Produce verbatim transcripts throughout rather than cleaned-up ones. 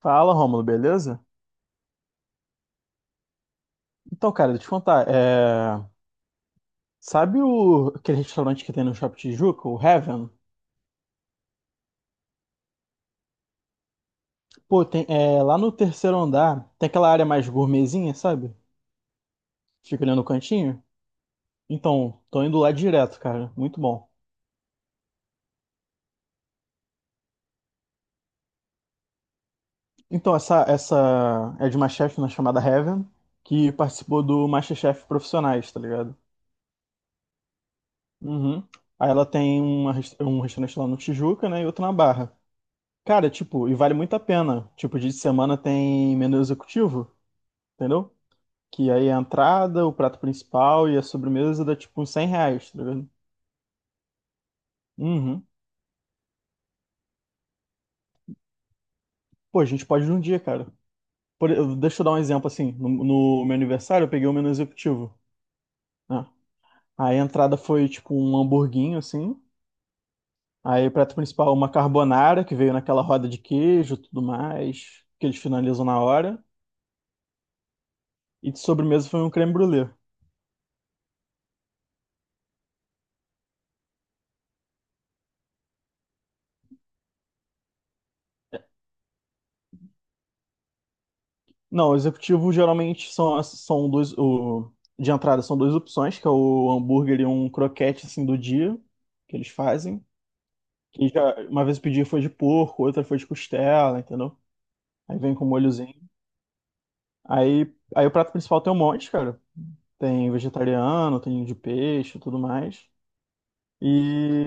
Fala, Rômulo, beleza? Então, cara, deixa eu te contar. é, Sabe o... aquele restaurante que tem no Shopping Tijuca, o Heaven? Pô, tem... é, lá no terceiro andar tem aquela área mais gourmetzinha, sabe? Fica ali no cantinho. Então, tô indo lá direto, cara. Muito bom. Então, essa, essa é de uma chefe na chamada Heaven, que participou do MasterChef Profissionais, tá ligado? Uhum. Aí ela tem uma res- um restaurante lá no Tijuca, né? E outro na Barra. Cara, tipo, e vale muito a pena. Tipo, dia de semana tem menu executivo. Entendeu? Que aí a entrada, o prato principal e a sobremesa dá tipo uns cem reais, tá ligado? Uhum. Pô, a gente pode ir num dia, cara. Por- eu- deixa eu dar um exemplo assim. No, no meu aniversário, eu peguei o menu executivo, né? Aí a entrada foi tipo um hamburguinho, assim. Aí o prato principal, uma carbonara, que veio naquela roda de queijo e tudo mais, que eles finalizam na hora. E de sobremesa foi um creme brulee. Não, o executivo geralmente são, as- são dois. O, de entrada são duas opções, que é o hambúrguer e um croquete assim do dia que eles fazem. Que já, uma vez eu pedi foi de porco, outra foi de costela, entendeu? Aí vem com um molhozinho. Aí, aí o prato principal tem um monte, cara. Tem vegetariano, tem de peixe, e tudo mais. E,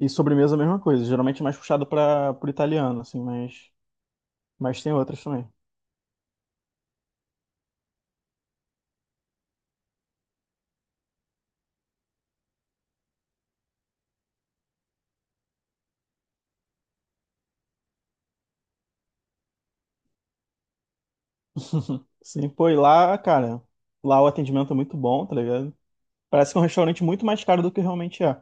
e sobremesa a mesma coisa. Geralmente é mais puxado para pro italiano, assim, mas, mas tem outras também. Sim, pô, e lá, cara, lá o atendimento é muito bom, tá ligado? Parece que é um restaurante muito mais caro do que realmente é.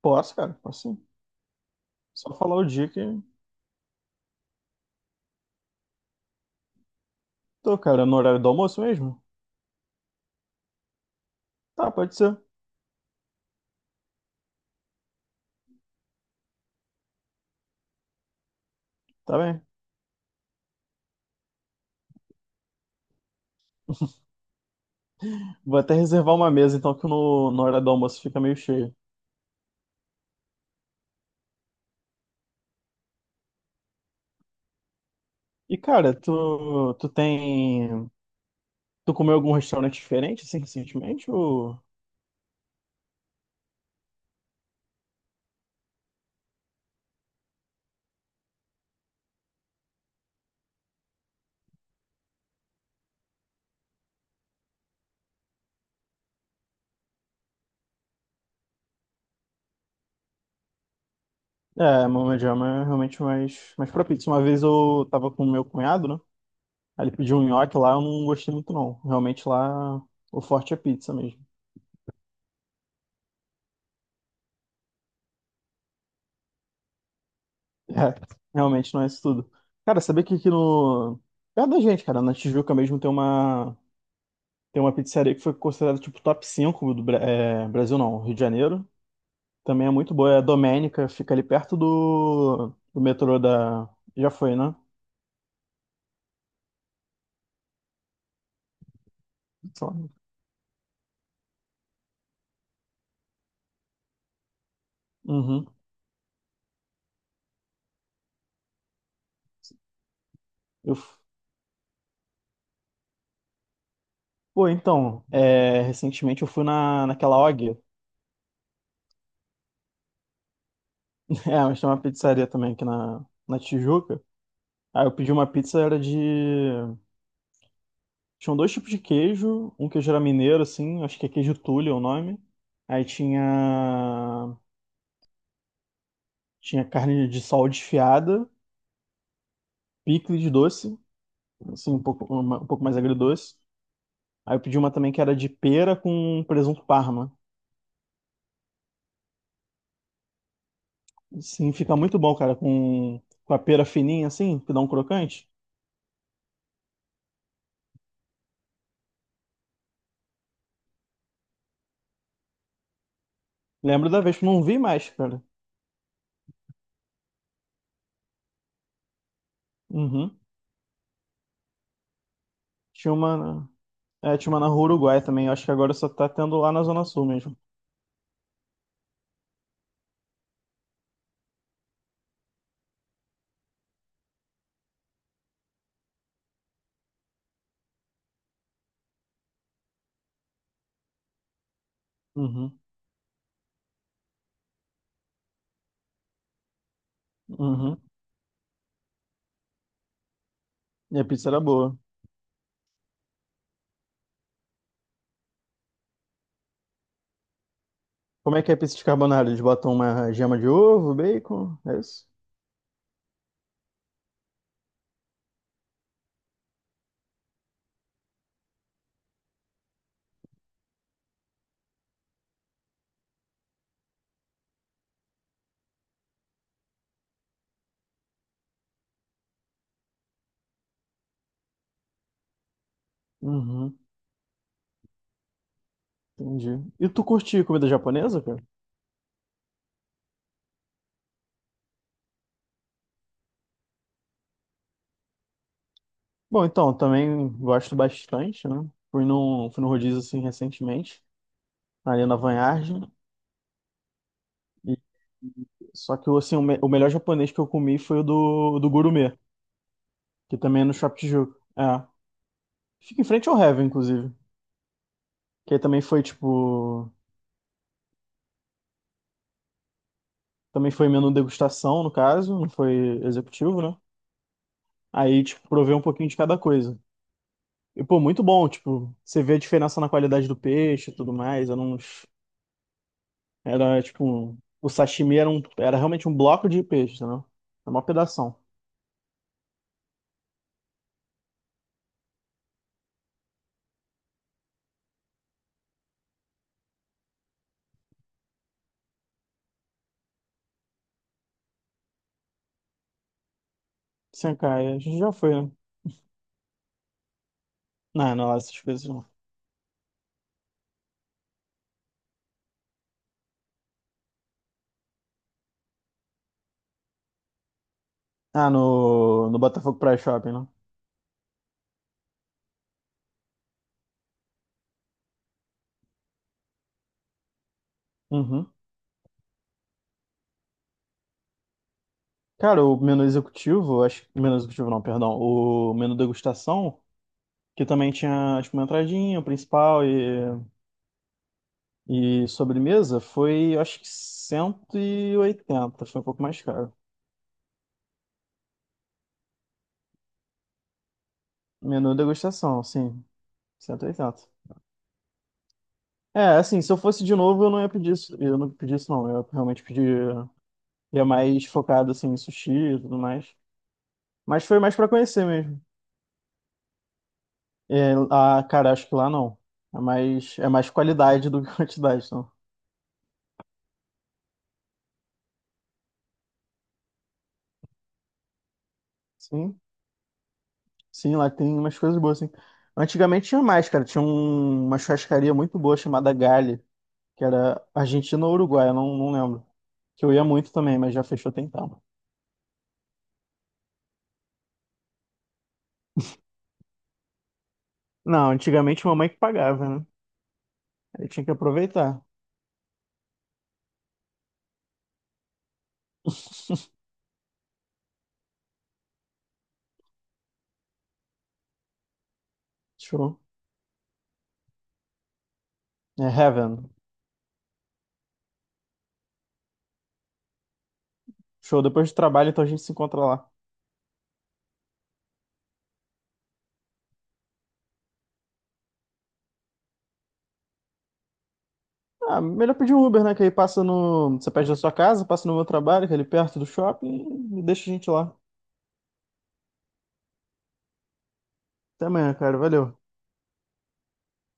Posso, cara, posso sim. Só falar o dia que tô, cara, no horário do almoço mesmo? Tá, pode ser. Tá bem. Vou até reservar uma mesa, então, que no, no horário do almoço fica meio cheio. E, cara, tu, tu tem. Tu comeu algum restaurante diferente, assim, recentemente? Ou. É, Mama Jama é realmente mais, mais propício. Uma vez eu tava com o meu cunhado, né? Aí ele pediu um nhoque lá, eu não gostei muito, não. Realmente lá, o forte é pizza mesmo. É, realmente não é isso tudo. Cara, sabia que aqui no. Perto da gente, cara, na Tijuca mesmo tem uma, tem uma pizzaria que foi considerada tipo top cinco do Bra- é, Brasil, não, Rio de Janeiro. Também é muito boa, é a Domênica, fica ali perto do, do metrô da. Já foi, né? Sei lá. Uhum. Eu... f- Pô, então, é, recentemente eu fui na, naquela O G. É, mas tem uma pizzaria também aqui na, na Tijuca. Aí eu pedi uma pizza, era de. Tinham dois tipos de queijo, um queijo era mineiro, assim, acho que é queijo Tully é o nome. Aí tinha tinha carne de sol desfiada, picles de doce, assim, um pouco, uma- um pouco mais agridoce. Aí eu pedi uma também que era de pera com presunto parma. Sim, fica muito bom, cara, com, com a pera fininha, assim, que dá um crocante. Lembro da vez, que não vi mais, cara. Uhum. Tinha uma, é, tinha uma na Rua Uruguai também, acho que agora só tá tendo lá na Zona Sul mesmo. Uhum, uhum. E a pizza era boa. Como é que é pizza de carbonara? Eles botam uma gema de ovo, bacon, é isso? Uhum, entendi. E tu curte comida japonesa, cara? Bom, então, também gosto bastante, né? Fui num, fui num rodízio, assim, recentemente, ali na Vanhagem. E... Só que, assim, o, me- o melhor japonês que eu comi foi o do, do Gourmet, que também é no Shop Tijuca. É. Fica em frente ao Heaven, inclusive. Que aí também foi, tipo... Também foi menu degustação, no caso, não foi executivo, né? Aí, tipo, provei um pouquinho de cada coisa. E, pô, muito bom, tipo, você vê a diferença na qualidade do peixe e tudo mais. Era uns. Era tipo. um- O sashimi era, um, era realmente um bloco de peixe, entendeu? Era uma pedação. Sem cair, a gente já foi, né? Não, não, lá essas coisas não. Ah, no, no Botafogo Praia Shopping, né? Uhum. Cara, o menu executivo, acho que. Menu executivo não, perdão. O menu degustação, que também tinha, tipo, uma entradinha, o principal e, e sobremesa, foi, acho que cento e oitenta. Foi um pouco mais caro. Menu degustação, sim. Certo, exato. É, assim, se eu fosse de novo, eu não ia pedir isso. Eu não pedi isso, não. Eu realmente pedi. Ia mais focado, assim, em sushi e tudo mais. Mas foi mais pra conhecer mesmo. É, ah, cara, acho que lá não. É mais, é mais qualidade do que quantidade, então. Sim, sim, lá tem umas coisas boas, assim. Antigamente tinha mais, cara. Tinha um- uma churrascaria muito boa chamada Gali, que era Argentina ou Uruguai, eu não, não lembro. Que eu ia muito também, mas já fechou tem tempo. Não, antigamente mamãe que pagava, né? Aí tinha que aproveitar. Show. É Heaven. Show. Depois do trabalho, então a gente se encontra lá. Ah, melhor pedir um Uber, né? Que aí passa no. Você pede da sua casa, passa no meu trabalho, que é ali perto do shopping, e deixa a gente lá. Até amanhã, cara. Valeu.